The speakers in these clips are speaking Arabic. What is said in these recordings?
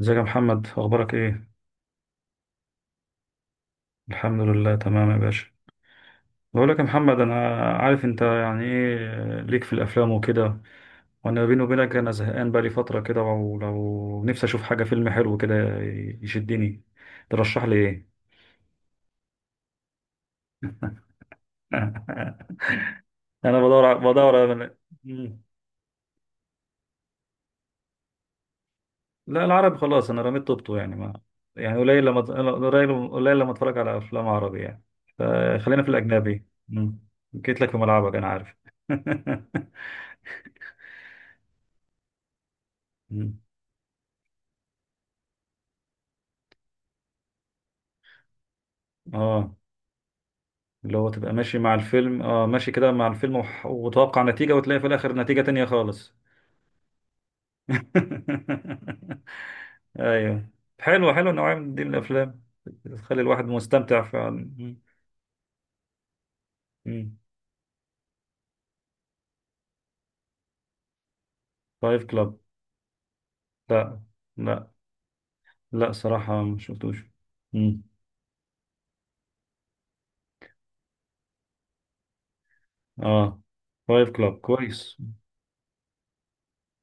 ازيك يا محمد؟ اخبارك ايه؟ الحمد لله، تمام يا باشا. بقول لك يا محمد، انا عارف انت يعني ايه ليك في الافلام وكده. وانا بيني وبينك، انا زهقان بقالي فتره كده، ولو نفسي اشوف حاجه، فيلم حلو كده يشدني. ترشح لي ايه؟ انا بدور بدور على- مم. لا، العربي خلاص، انا رميت طوبته، يعني ما يعني قليل لما اتفرج على افلام عربي يعني. فخلينا في الاجنبي. مم. جيت لك في ملعبك، انا عارف. مم. اه، اللي هو تبقى ماشي مع الفيلم، اه ماشي كده مع الفيلم، وتوقع نتيجة، وتلاقي في الآخر نتيجة تانية خالص. ايوه، حلو حلو، النوعية من دي من الأفلام بتخلي الواحد مستمتع فعلا. فايف كلاب؟ لا. لا. لا صراحة ما شفتوش. مم. اه، فايف كلاب كويس.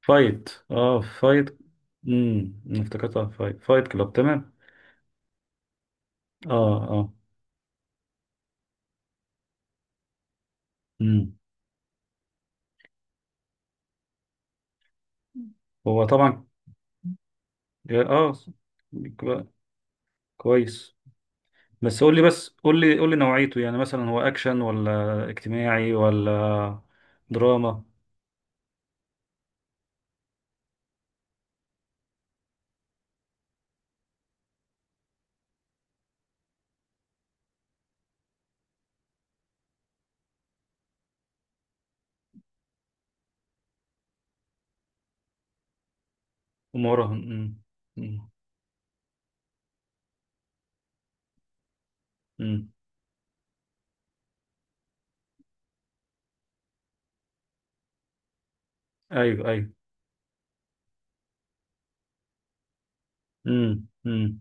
فايت. افتكرتها فايت، فايت كلاب تمام. اه اه. امم. هو طبعا. اه كويس. بس قول لي بس قول لي قول لي نوعيته، يعني مثلا هو اكشن ولا اجتماعي ولا دراما ومراهن. أمم، أمم. ايوه ايوه. أمم، أمم،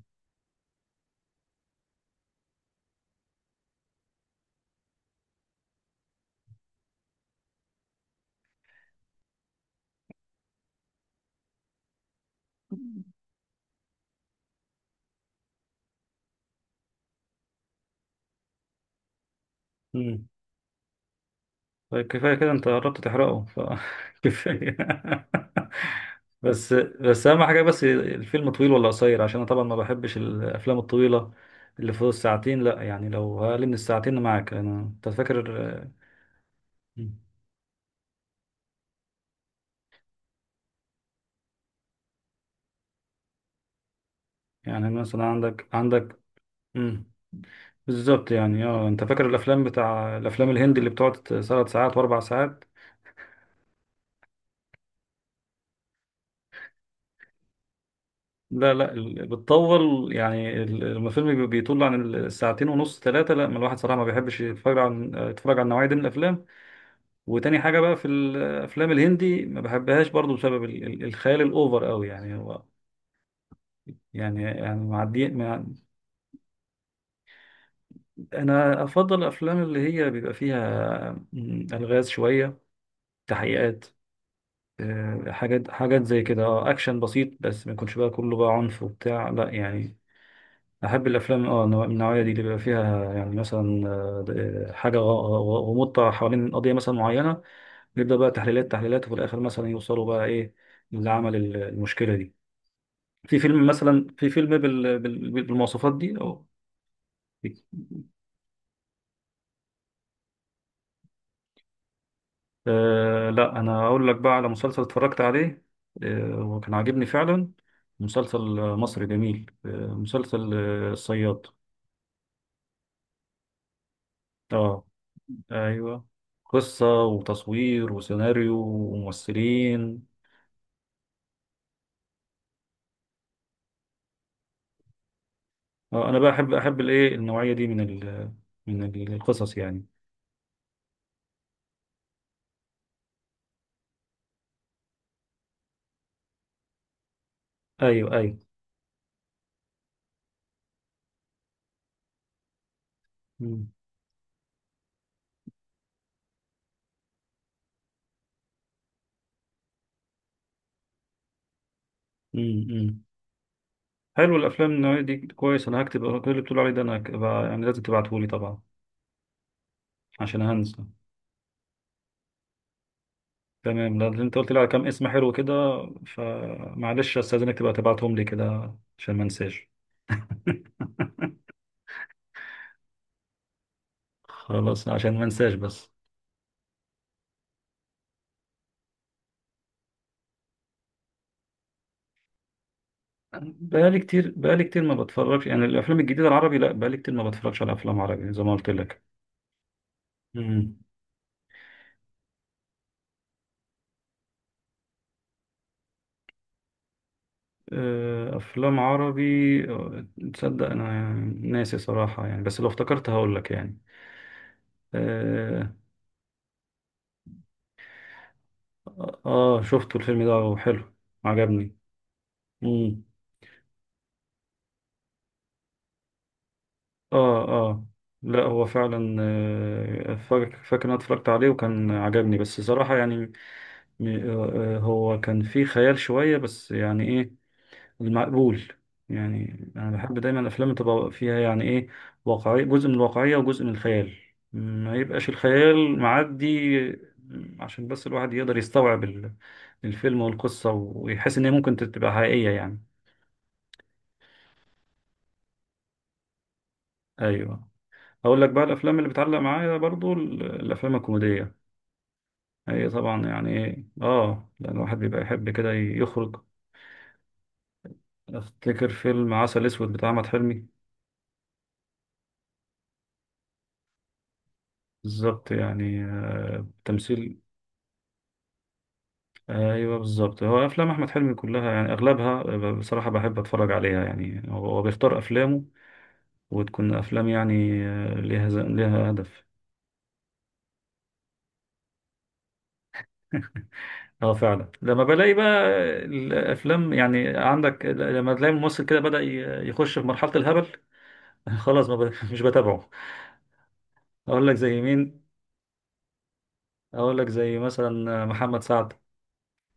أمم. طيب كفايه كده، انت قربت تحرقه فكفايه. بس اهم حاجه، بس الفيلم طويل ولا قصير؟ عشان انا طبعا ما بحبش الافلام الطويله اللي فوق الساعتين. لا يعني، لو اقل من الساعتين أنا معاك. انت فاكر؟ يعني مثلا عندك. بالظبط، يعني انت فاكر الافلام الافلام الهندي اللي بتقعد 3 ساعات واربع ساعات؟ لا لا، بتطول يعني، لما الفيلم بيطول عن الساعتين ونص، ثلاثه، لا، ما الواحد صراحه ما بيحبش يتفرج عن يتفرج على النوعيه دي من الافلام. وتاني حاجه بقى في الافلام الهندي، ما بحبهاش برضو، بسبب الخيال الاوفر قوي، يعني هو يعني معدي انا افضل الافلام اللي هي بيبقى فيها الغاز شويه، تحقيقات. حاجات حاجات زي كده، اكشن بسيط، بس ما يكونش بقى كله بقى عنف وبتاع، لا يعني. احب الافلام من النوعيه دي، اللي بيبقى فيها يعني مثلا، حاجه غموضه حوالين قضيه مثلا معينه، يبدا بقى تحليلات تحليلات، وفي الاخر مثلا يوصلوا بقى ايه اللي عمل المشكله دي. في فيلم مثلا، في فيلم بالمواصفات دي، اه. لا، انا اقول لك بقى على مسلسل اتفرجت عليه، وكان عاجبني فعلا. مسلسل مصري جميل، مسلسل الصياد. اه ايوه، قصة وتصوير وسيناريو وممثلين. اه، انا بقى احب الايه النوعية دي من القصص يعني. ايوه ايوه. مم. مم. مم. حلو، الافلام النوعية دي كويس، انا هكتب كل اللي بتقول عليه ده، انا هكبقى يعني لازم تبعته لي طبعا عشان هنسى. تمام، لأن انت قلت لي على كام اسم حلو كده، فمعلش استاذنك تبقى تبعتهم لي كده عشان ما انساش. خلاص عشان ما انساش بس. بقالي كتير، بقالي كتير ما بتفرجش يعني الافلام الجديده العربي، لا بقالي كتير ما بتفرجش على افلام عربي زي ما قلت لك. مم. افلام عربي. آه، تصدق انا ناسي صراحه يعني، بس لو افتكرت هقول لك يعني. اه. شفته الفيلم ده، وحلو، عجبني. مم. اه اه. لا هو فعلا فاكر إن انا اتفرجت عليه وكان عجبني، بس صراحه يعني هو كان فيه خيال شويه، بس يعني ايه، المقبول. يعني انا بحب دايما الافلام تبقى فيها يعني ايه، واقعية، جزء من الواقعية وجزء من الخيال، ما يبقاش الخيال معدي، عشان بس الواحد يقدر يستوعب الفيلم والقصة، ويحس ان هي ممكن تبقى حقيقية يعني. ايوه. اقول لك بقى، الافلام اللي بتعلق معايا برضو الافلام الكوميدية. هي طبعا يعني ايه، لأن الواحد بيبقى يحب كده يخرج. افتكر فيلم عسل اسود بتاع احمد حلمي. بالظبط، يعني تمثيل. ايوه بالظبط، هو افلام احمد حلمي كلها يعني اغلبها بصراحه بحب اتفرج عليها يعني، هو بيختار افلامه وتكون افلام يعني ليها ليها هدف. اه فعلا، لما بلاقي بقى الافلام يعني، عندك لما تلاقي ممثل كده بدأ يخش في مرحله الهبل. خلاص، ما ب... مش بتابعه. اقول لك زي مين؟ اقول لك زي مثلا محمد سعد.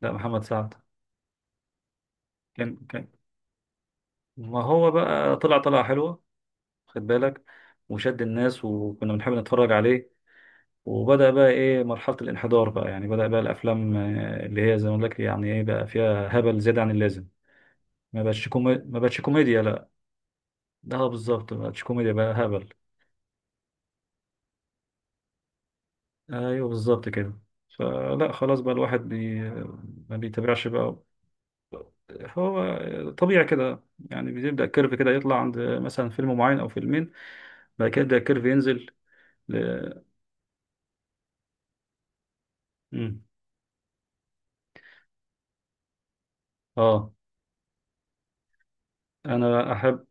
لا، محمد سعد. كان، ما هو بقى طلع طلعه حلوه، خد بالك، وشد الناس وكنا بنحب نتفرج عليه، وبدأ بقى إيه، مرحلة الانحدار، بقى يعني بدأ بقى الأفلام اللي هي زي ما أقول لك يعني إيه، بقى فيها هبل زيادة عن اللازم. ما بقتش كوميديا لا. ده بالظبط، ما بقتش كوميديا، بقى هبل. أيوه بالظبط كده. فلا خلاص بقى، ما بيتابعش بقى. هو طبيعي كده، يعني بيبدأ كيرف كده يطلع عند مثلا فيلم معين أو فيلمين، بعد كده يبدأ الكيرف ينزل. ل... مم. آه أنا أحب،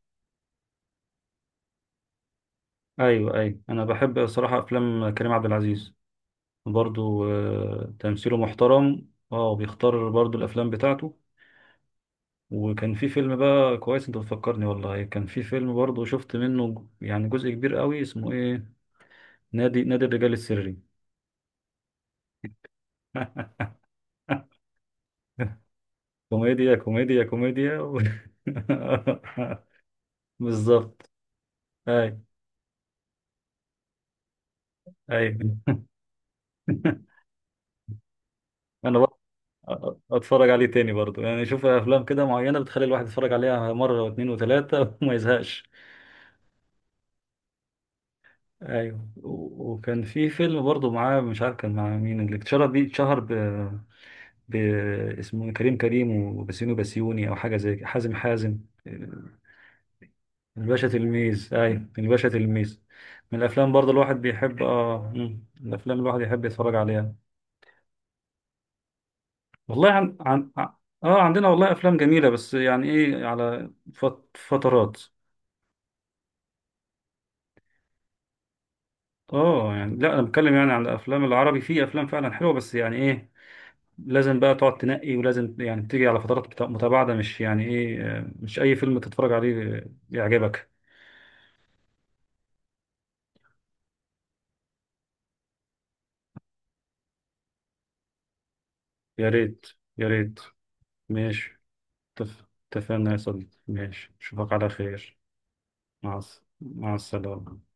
أيوه أيوه، أنا بحب صراحة أفلام كريم عبد العزيز برضو. تمثيله محترم، بيختار برضو الافلام بتاعته. وكان في فيلم بقى كويس، انت بتفكرني والله، كان في فيلم برضو شفت منه يعني جزء كبير قوي، اسمه ايه، نادي الرجال السري. كوميديا كوميديا كوميديا بالظبط. اي اي. انا بقى اتفرج عليه تاني برضو يعني، شوف افلام كده معينة بتخلي الواحد يتفرج عليها مرة واثنين وثلاثة وما يزهقش. ايوه، وكان في فيلم برضه معاه، مش عارف كان مع مين، اللي اتشهر بيه، ب... اسمه إيه؟ كريم وبسيوني او حاجه زي كده. حازم، الباشا تلميذ. ايوه، الباشا تلميذ، من الافلام برضه الواحد بيحب، الافلام الواحد يحب يتفرج عليها. والله اه عندنا والله افلام جميله، بس يعني ايه، على فترات. اه يعني، لا انا بتكلم يعني عن الافلام العربي، في افلام فعلا حلوه، بس يعني ايه، لازم بقى تقعد تنقي، ولازم يعني تيجي على فترات متباعدة، مش يعني ايه، مش اي فيلم تتفرج عليه يعجبك. يا ريت، يا ريت، ماشي. اتف- اتفقنا يا صديقي، ماشي اشوفك على خير. مع السلامة.